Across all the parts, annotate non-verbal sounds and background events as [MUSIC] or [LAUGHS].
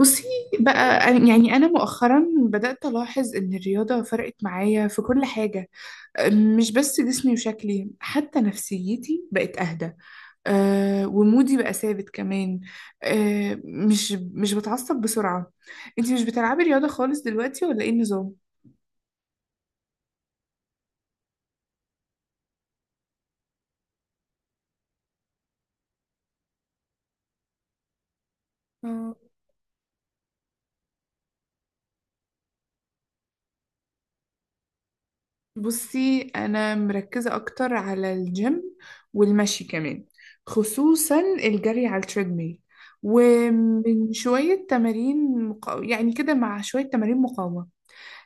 بصي، بقى أنا مؤخرا بدأت ألاحظ إن الرياضة فرقت معايا في كل حاجة. مش بس جسمي وشكلي، حتى نفسيتي بقت أهدى. أه، ومودي بقى ثابت كمان. أه، مش بتعصب بسرعة. أنتي مش بتلعبي رياضة خالص دلوقتي ولا إيه النظام؟ بصي، أنا مركزة أكتر على الجيم، والمشي كمان، خصوصا الجري على التريدميل، ومن شوية تمارين يعني كده مع شوية تمارين مقاومة.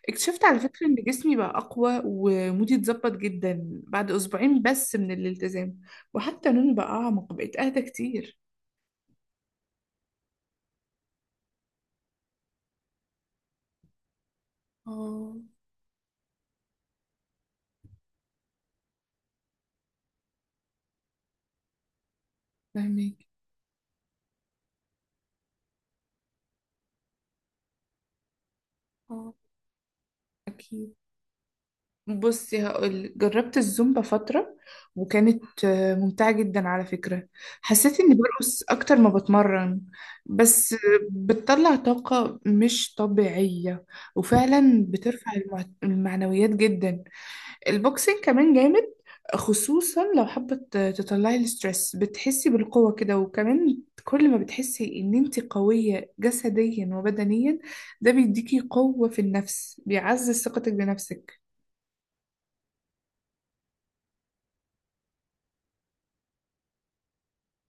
اكتشفت على فكرة إن جسمي بقى أقوى، ومودي اتظبط جدا بعد أسبوعين بس من الالتزام. وحتى نومي بقى أعمق، بقيت أهدى كتير. اه. فاهمك. اه. اكيد. بصي، هقول جربت الزومبا فترة، وكانت ممتعة جدا على فكرة. حسيت اني برقص اكتر ما بتمرن. بس بتطلع طاقة مش طبيعية، وفعلا بترفع المعنويات جدا. البوكسينج كمان جامد، خصوصا لو حابة تطلعي الستريس، بتحسي بالقوة كده. وكمان كل ما بتحسي ان انت قوية جسديا وبدنيا، ده بيديكي قوة في النفس، بيعزز ثقتك بنفسك.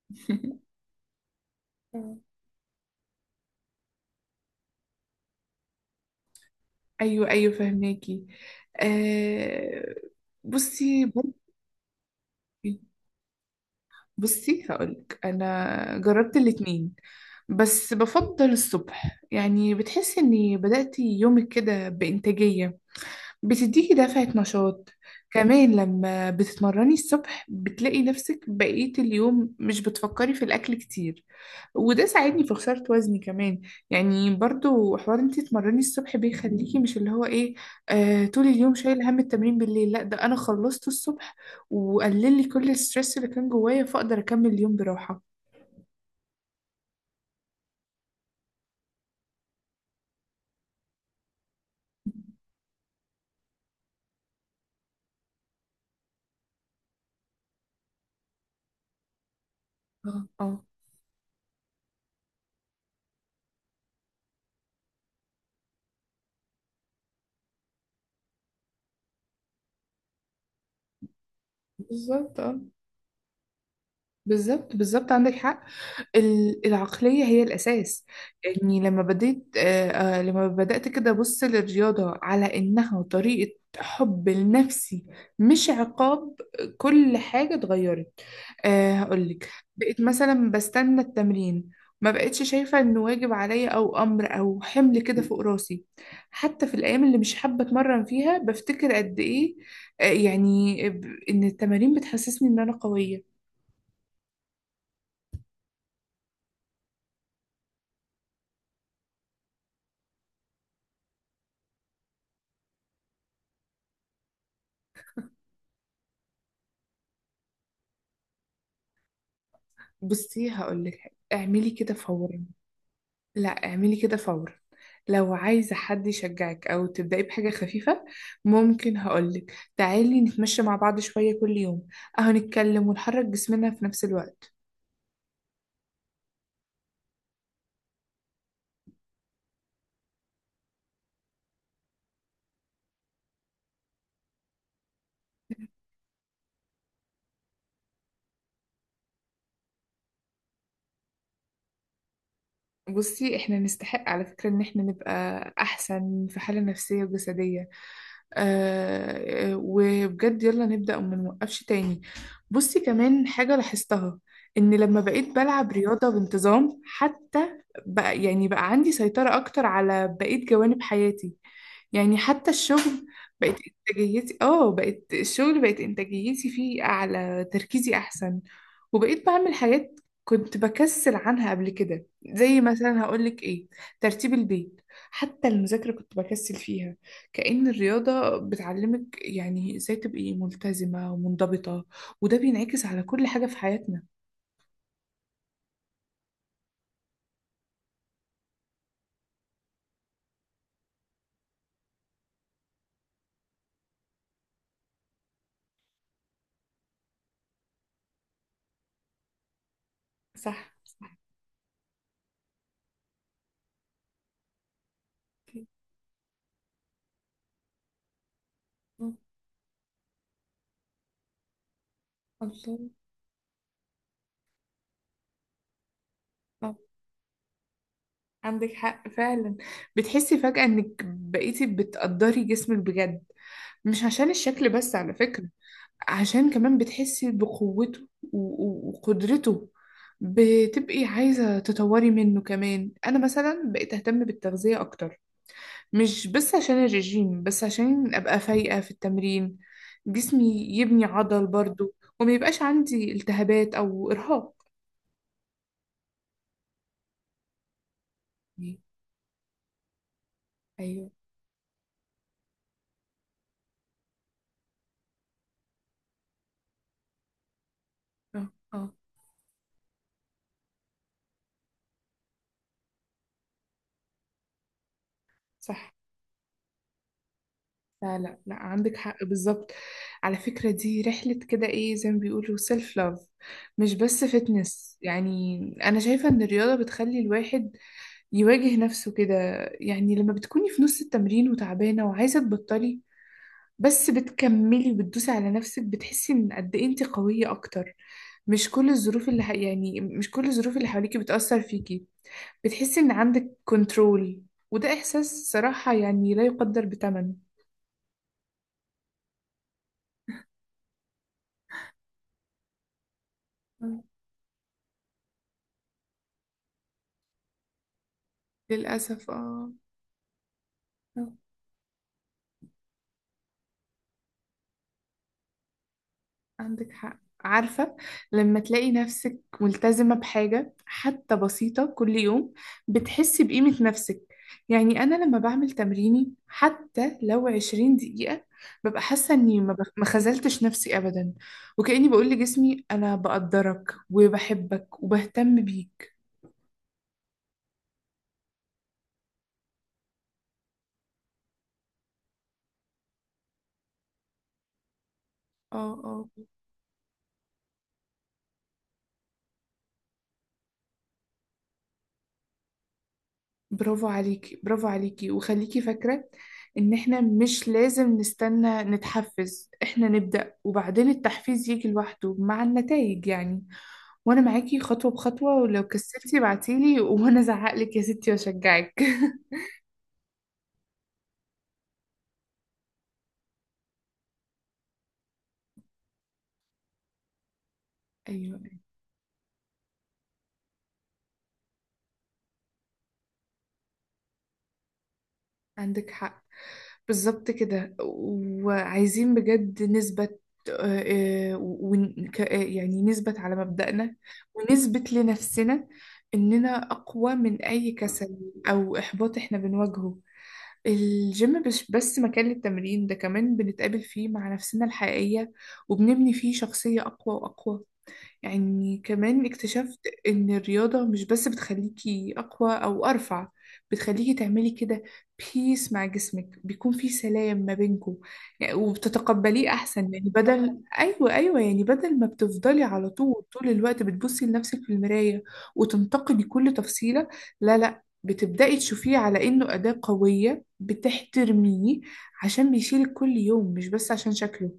[LAUGHS] ايوه ايوه، فهماكي. آه. بصي برضه- بصي هقولك، انا جربت الاتنين، بس بفضل الصبح. يعني بتحسي اني بدأتي يومك كده بإنتاجية، بتديكي دفعة نشاط. كمان لما بتتمرني الصبح، بتلاقي نفسك بقية اليوم مش بتفكري في الأكل كتير، وده ساعدني في خسارة وزني كمان. يعني برضو حوار انتي تتمرني الصبح بيخليكي مش اللي هو ايه، آه، طول اليوم شايل هم التمرين بالليل. لا، ده أنا خلصت الصبح وقلل لي كل الستريس اللي كان جوايا، فأقدر أكمل اليوم براحة. اه اه، بالظبط، اه. بالظبط بالظبط، عندك حق. العقلية هي الأساس. يعني لما بديت آه، آه، لما بدأت كده أبص للرياضة على إنها طريقة حب لنفسي، مش عقاب، كل حاجة اتغيرت. أه، هقولك، بقيت مثلا بستنى التمرين، ما بقتش شايفة إنه واجب عليا أو أمر أو حمل كده فوق راسي. حتى في الأيام اللي مش حابة أتمرن فيها، بفتكر قد إيه آه، يعني ب- إن التمارين بتحسسني إن أنا قوية. بصي، هقول لك حاجة، اعملي كده فورا. لا، اعملي كده فورا، لو عايزة حد يشجعك، أو تبدأي بحاجة خفيفة. ممكن هقولك، تعالي نتمشى مع بعض شوية كل يوم، أهو نتكلم ونحرك جسمنا في نفس الوقت. بصي، احنا نستحق على فكرة ان احنا نبقى احسن في حالة نفسية وجسدية. آه، وبجد يلا نبدأ وما نوقفش تاني. بصي، كمان حاجة لاحظتها، ان لما بقيت بلعب رياضة بانتظام حتى، بقى عندي سيطرة اكتر على بقية جوانب حياتي. يعني حتى الشغل بقت انتاجيتي فيه اعلى، تركيزي احسن. وبقيت بعمل حاجات كنت بكسل عنها قبل كده، زي مثلا هقولك ايه، ترتيب البيت، حتى المذاكرة كنت بكسل فيها. كأن الرياضة بتعلمك يعني ازاي تبقي ملتزمة ومنضبطة، وده بينعكس على كل حاجة في حياتنا. صح صح. الله. الله. عندك حق فعلا. بتحسي فجأة انك بقيتي بتقدري جسمك بجد، مش عشان الشكل بس على فكرة، عشان كمان بتحسي بقوته وقدرته. بتبقي عايزة تطوري منه كمان. انا مثلا بقيت اهتم بالتغذية اكتر، مش بس عشان الرجيم، بس عشان ابقى فايقة في التمرين، جسمي يبني عضل برضو، وما يبقاش عندي التهابات او ارهاق. ايوه. اه اه، صح. لا لا لا، عندك حق بالظبط. على فكرة، دي رحلة كده، ايه زي ما بيقولوا سيلف لاف، مش بس فتنس. يعني انا شايفة ان الرياضة بتخلي الواحد يواجه نفسه كده. يعني لما بتكوني في نص التمرين وتعبانة وعايزة تبطلي، بس بتكملي وبتدوسي على نفسك، بتحسي ان قد ايه انت قوية اكتر. مش كل الظروف اللي ح- يعني مش كل الظروف اللي حواليكي بتأثر فيكي، بتحسي ان عندك كنترول. وده احساس صراحة يعني لا يقدر بثمن. للأسف، اه. آه، عندك حق، عارفة، لما تلاقي نفسك ملتزمة بحاجة حتى بسيطة كل يوم، بتحسي بقيمة نفسك. يعني أنا لما بعمل تمريني حتى لو 20 دقيقة، ببقى حاسة إني ما خذلتش نفسي أبدا، وكأني بقول لجسمي أنا بقدرك وبحبك وبهتم بيك. اه اه. برافو عليكي، برافو عليكي، وخليكي فاكرة إن إحنا مش لازم نستنى نتحفز، إحنا نبدأ وبعدين التحفيز يجي لوحده مع النتائج يعني. وأنا معاكي خطوة بخطوة، ولو كسلتي بعتيلي وأنا أزعقلك يا ستي وأشجعك. [LAUGHS] أيوه. عندك حق، بالظبط كده. وعايزين بجد نثبت، يعني نثبت على مبدأنا، ونثبت لنفسنا إننا أقوى من أي كسل أو إحباط إحنا بنواجهه. الجيم مش بس مكان للتمرين، ده كمان بنتقابل فيه مع نفسنا الحقيقية، وبنبني فيه شخصية أقوى وأقوى. يعني كمان اكتشفت إن الرياضة مش بس بتخليكي أقوى أو أرفع، بتخليكي تعملي كده بيس مع جسمك، بيكون في سلام ما بينكم يعني، وبتتقبليه أحسن. يعني بدل أيوة أيوة، يعني بدل ما بتفضلي على طول طول الوقت بتبصي لنفسك في المراية وتنتقدي كل تفصيلة، لا لا، بتبدأي تشوفيه على إنه أداة قوية بتحترميه عشان بيشيلك كل يوم، مش بس عشان شكله.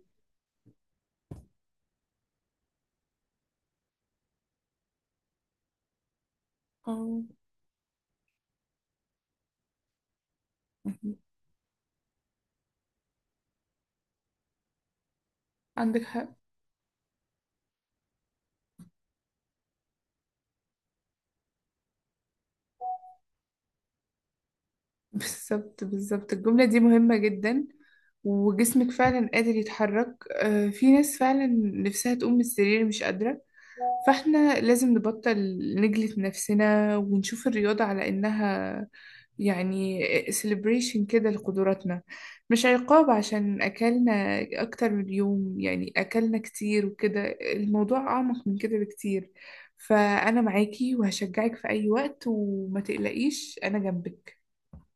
اه. مهم. عندك حق، بالظبط بالظبط. الجملة دي مهمة جدا. وجسمك فعلا قادر يتحرك. في ناس فعلا نفسها تقوم من السرير مش قادرة، فاحنا لازم نبطل نجلد نفسنا، ونشوف الرياضة على إنها يعني celebration كده لقدراتنا، مش عقاب عشان أكلنا أكتر من يوم، يعني أكلنا كتير وكده. الموضوع أعمق من كده بكتير. فأنا معاكي وهشجعك في أي وقت وما تقلقيش أنا جنبك.